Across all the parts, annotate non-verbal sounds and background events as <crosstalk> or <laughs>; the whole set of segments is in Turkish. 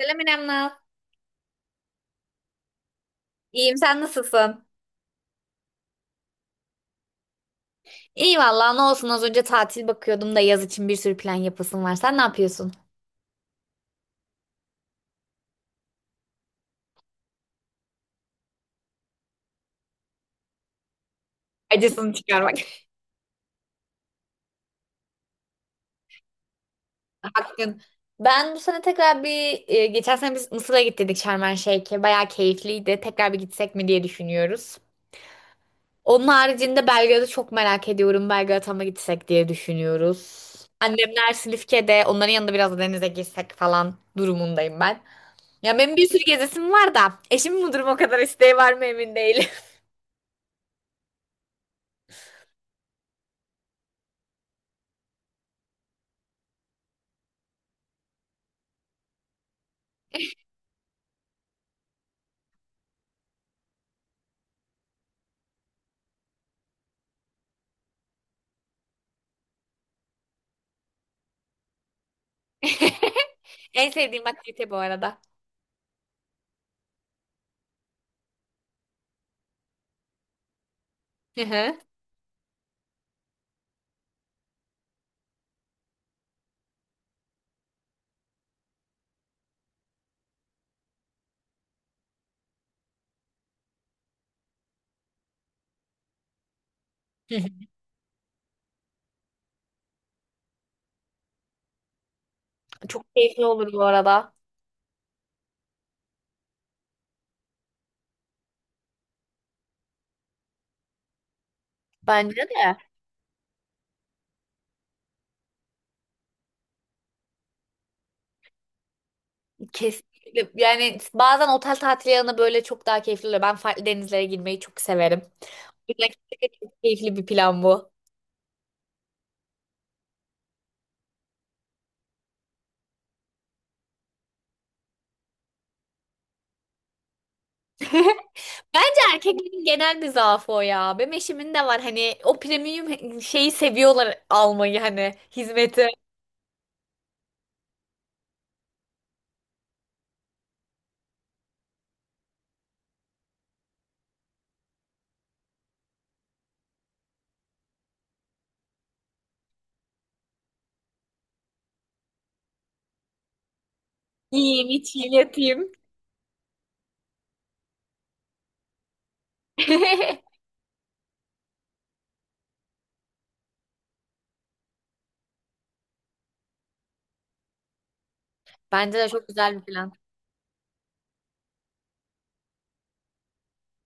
Selam İrem, Naz. İyiyim, sen nasılsın? İyi vallahi ne olsun az önce tatil bakıyordum da yaz için bir sürü plan yapasım var. Sen ne yapıyorsun? Acısını çıkarmak. Bakın, ben bu sene tekrar bir geçen sene biz Mısır'a gittik, Şarm El Şeyh'e. Bayağı keyifliydi. Tekrar bir gitsek mi diye düşünüyoruz. Onun haricinde Belgrad'ı çok merak ediyorum. Belgrad'a mı gitsek diye düşünüyoruz. Annemler Silifke'de. Onların yanında biraz da denize girsek falan durumundayım ben. Ya benim bir sürü gezesim var da eşimin bu durum o kadar isteği var mı emin değilim. <laughs> En sevdiğim aktivite bu arada. Hı hı. <laughs> Hı hı. Çok keyifli olur bu arada. Bence de. Kesinlikle. Yani bazen otel tatili yanı böyle çok daha keyifli oluyor. Ben farklı denizlere girmeyi çok severim. O yüzden kesinlikle çok keyifli bir plan bu. <laughs> Bence erkeklerin genel bir zaafı o ya. Benim eşimin de var, hani o premium şeyi seviyorlar almayı, hani hizmeti. Yiyeyim, içeyim, yatayım. <laughs> Bence de çok güzel bir plan.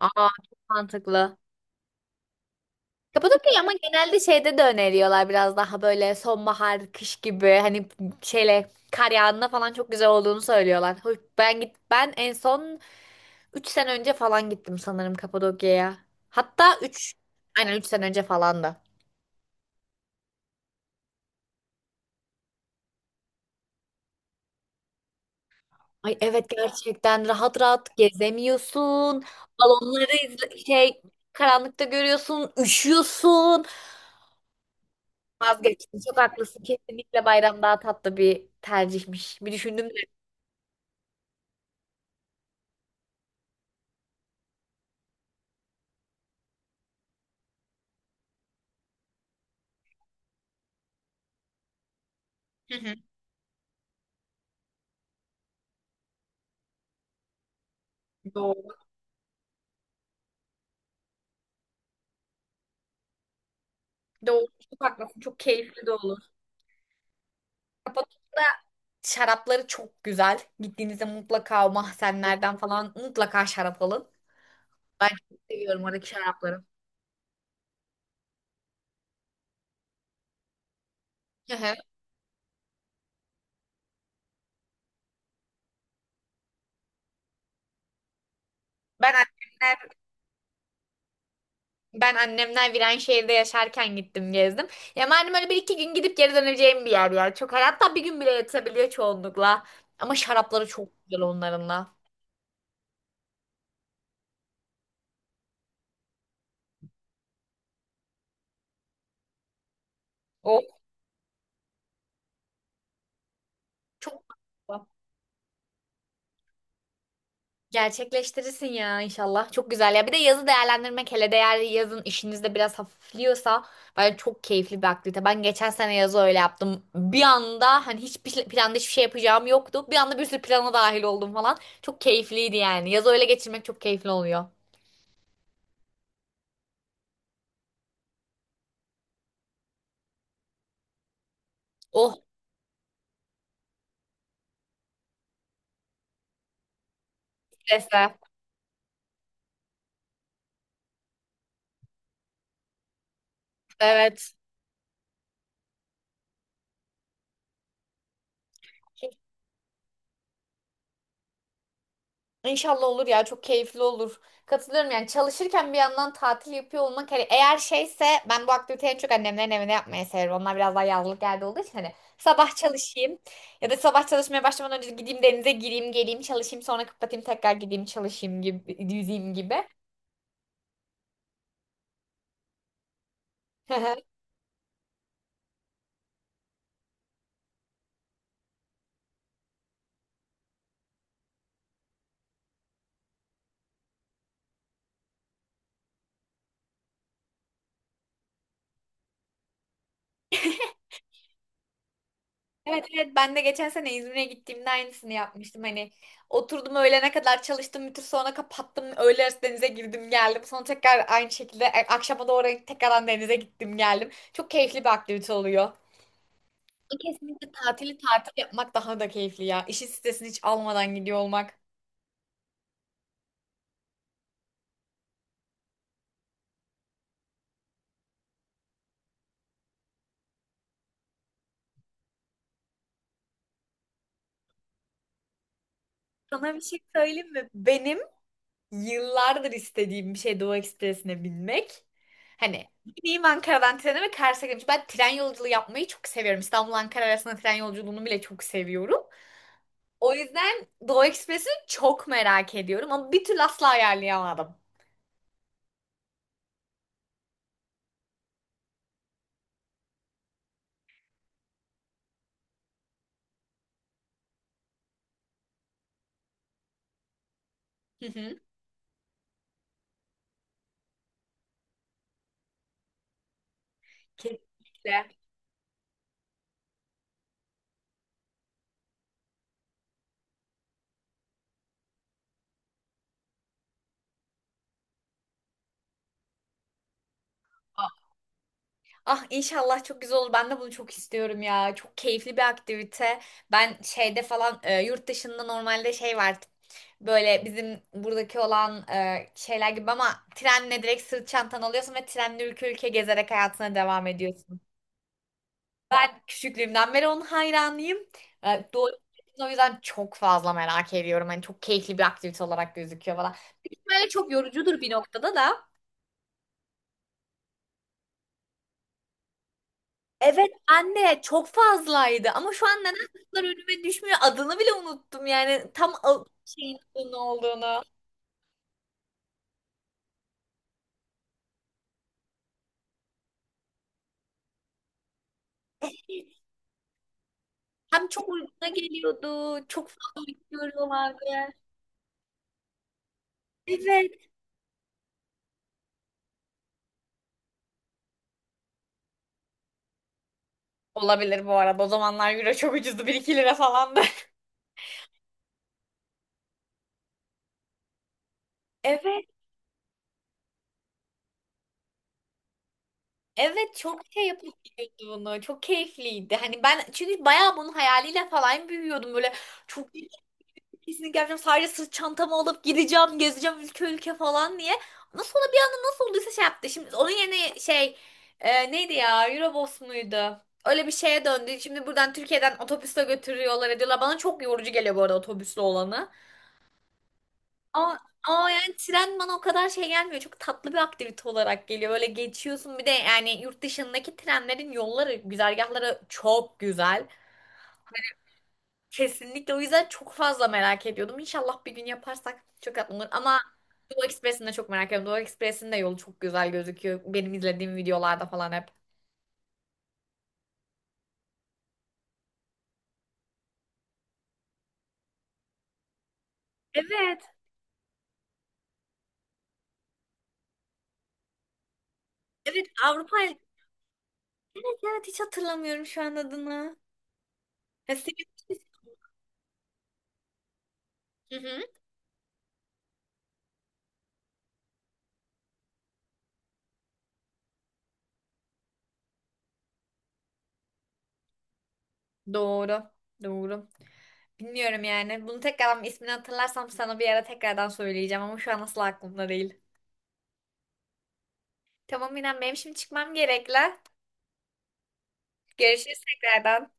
Aa, çok mantıklı. Kapadokya ama genelde şeyde de öneriyorlar, biraz daha böyle sonbahar, kış gibi, hani şeyle kar yağında falan çok güzel olduğunu söylüyorlar. Hoş- ben git ben en son 3 sene önce falan gittim sanırım Kapadokya'ya. Hatta üç, aynen 3 sene önce falan da. Ay evet, gerçekten rahat rahat gezemiyorsun. Balonları izle şey, karanlıkta görüyorsun, üşüyorsun. Vazgeçtim. Çok haklısın. Kesinlikle bayram daha tatlı bir tercihmiş. Bir düşündüm de. Hı hı. Doğru, çok haklısın. Çok keyifli de olur. Kapadokya'da şarapları çok güzel. Gittiğinizde mutlaka o mahzenlerden falan mutlaka şarap alın. Ben çok seviyorum oradaki şarapları. Hı hı. Ben annemler, ben annemler Viranşehir'de yaşarken gittim gezdim. Ya malum öyle bir iki gün gidip geri döneceğim bir yer ya. Çok hatta bir gün bile yetebiliyor çoğunlukla. Ama şarapları çok güzel onların da. O çok, gerçekleştirirsin ya inşallah. Çok güzel ya. Bir de yazı değerlendirmek, hele de eğer yazın işinizde biraz hafifliyorsa, bence çok keyifli bir aktivite. Ben geçen sene yazı öyle yaptım. Bir anda hani hiçbir planda hiçbir şey yapacağım yoktu. Bir anda bir sürü plana dahil oldum falan. Çok keyifliydi yani. Yazı öyle geçirmek çok keyifli oluyor. Oh, strese. Evet. İnşallah olur ya, çok keyifli olur. Katılıyorum, yani çalışırken bir yandan tatil yapıyor olmak, hani eğer şeyse, ben bu aktiviteyi en çok annemlerin evine yapmayı severim. Onlar biraz daha yazlık yerde olduğu için hani sabah çalışayım ya da sabah çalışmaya başlamadan önce gideyim, denize gireyim, geleyim çalışayım, sonra kapatayım tekrar gideyim çalışayım gibi, yüzeyim gibi. <laughs> Evet evet, ben de geçen sene İzmir'e gittiğimde aynısını yapmıştım. Hani oturdum, öğlene kadar çalıştım bütün, sonra kapattım. Öğle arası denize girdim geldim. Sonra tekrar aynı şekilde akşama doğru tekrardan denize gittim geldim. Çok keyifli bir aktivite oluyor. Kesinlikle tatili tatil yapmak daha da keyifli ya. İşin stresini hiç almadan gidiyor olmak. Sana bir şey söyleyeyim mi? Benim yıllardır istediğim bir şey Doğu Ekspresi'ne binmek. Hani bineyim Ankara'dan trene ve Kars'a gitmiş. Ben tren yolculuğu yapmayı çok seviyorum. İstanbul-Ankara arasında tren yolculuğunu bile çok seviyorum. O yüzden Doğu Ekspresi'ni çok merak ediyorum ama bir türlü asla ayarlayamadım. Hı hı. Kesinlikle. Ah inşallah çok güzel olur. Ben de bunu çok istiyorum ya. Çok keyifli bir aktivite. Ben şeyde falan yurt dışında normalde şey var. Böyle bizim buradaki olan şeyler gibi ama trenle direkt sırt çantan alıyorsun ve trenle ülke ülke gezerek hayatına devam ediyorsun. Ben küçüklüğümden beri onun hayranıyım. E, doğu, o yüzden çok fazla merak ediyorum. Hani çok keyifli bir aktivite olarak gözüküyor falan. Böyle çok yorucudur bir noktada da. Evet, anne çok fazlaydı ama şu an neden kızlar önüme düşmüyor, adını bile unuttum yani, tam al- şeyin adı ne olduğunu. Hem çok uyguna geliyordu, çok fazla bekliyorlardı. Evet. Olabilir, bu arada o zamanlar euro çok ucuzdu, bir iki lira falandı. <laughs> Evet. Evet, çok şey yapıp gidiyordu bunu, çok keyifliydi. Hani ben çünkü bayağı bunun hayaliyle falan büyüyordum böyle, çok kesinlikle yapacağım. Sadece sırt çantamı alıp gideceğim, gezeceğim ülke ülke falan diye. Nasıl ona bir anda nasıl olduysa şey yaptı. Şimdi onun yerine şey, neydi ya? Eurobus muydu? Öyle bir şeye döndü. Şimdi buradan Türkiye'den otobüsle götürüyorlar ediyorlar. Bana çok yorucu geliyor bu arada otobüsle olanı. Ama, ama yani tren bana o kadar şey gelmiyor. Çok tatlı bir aktivite olarak geliyor. Böyle geçiyorsun, bir de yani yurt dışındaki trenlerin yolları, güzergahları çok güzel. Kesinlikle, o yüzden çok fazla merak ediyordum. İnşallah bir gün yaparsak çok tatlı olur. Ama Doğu Ekspresi'ni de çok merak ediyorum. Doğu Ekspresi'nin de yolu çok güzel gözüküyor. Benim izlediğim videolarda falan hep. Evet. Evet Avrupa. Evet evet, hiç hatırlamıyorum şu an adını. Ha, Silivri- Hı hı. Doğru. Doğru. Bilmiyorum yani. Bunu tekrardan ismini hatırlarsam sana bir ara tekrardan söyleyeceğim ama şu an asla aklımda değil. Tamam İrem, benim şimdi çıkmam gerekli. Görüşürüz tekrardan.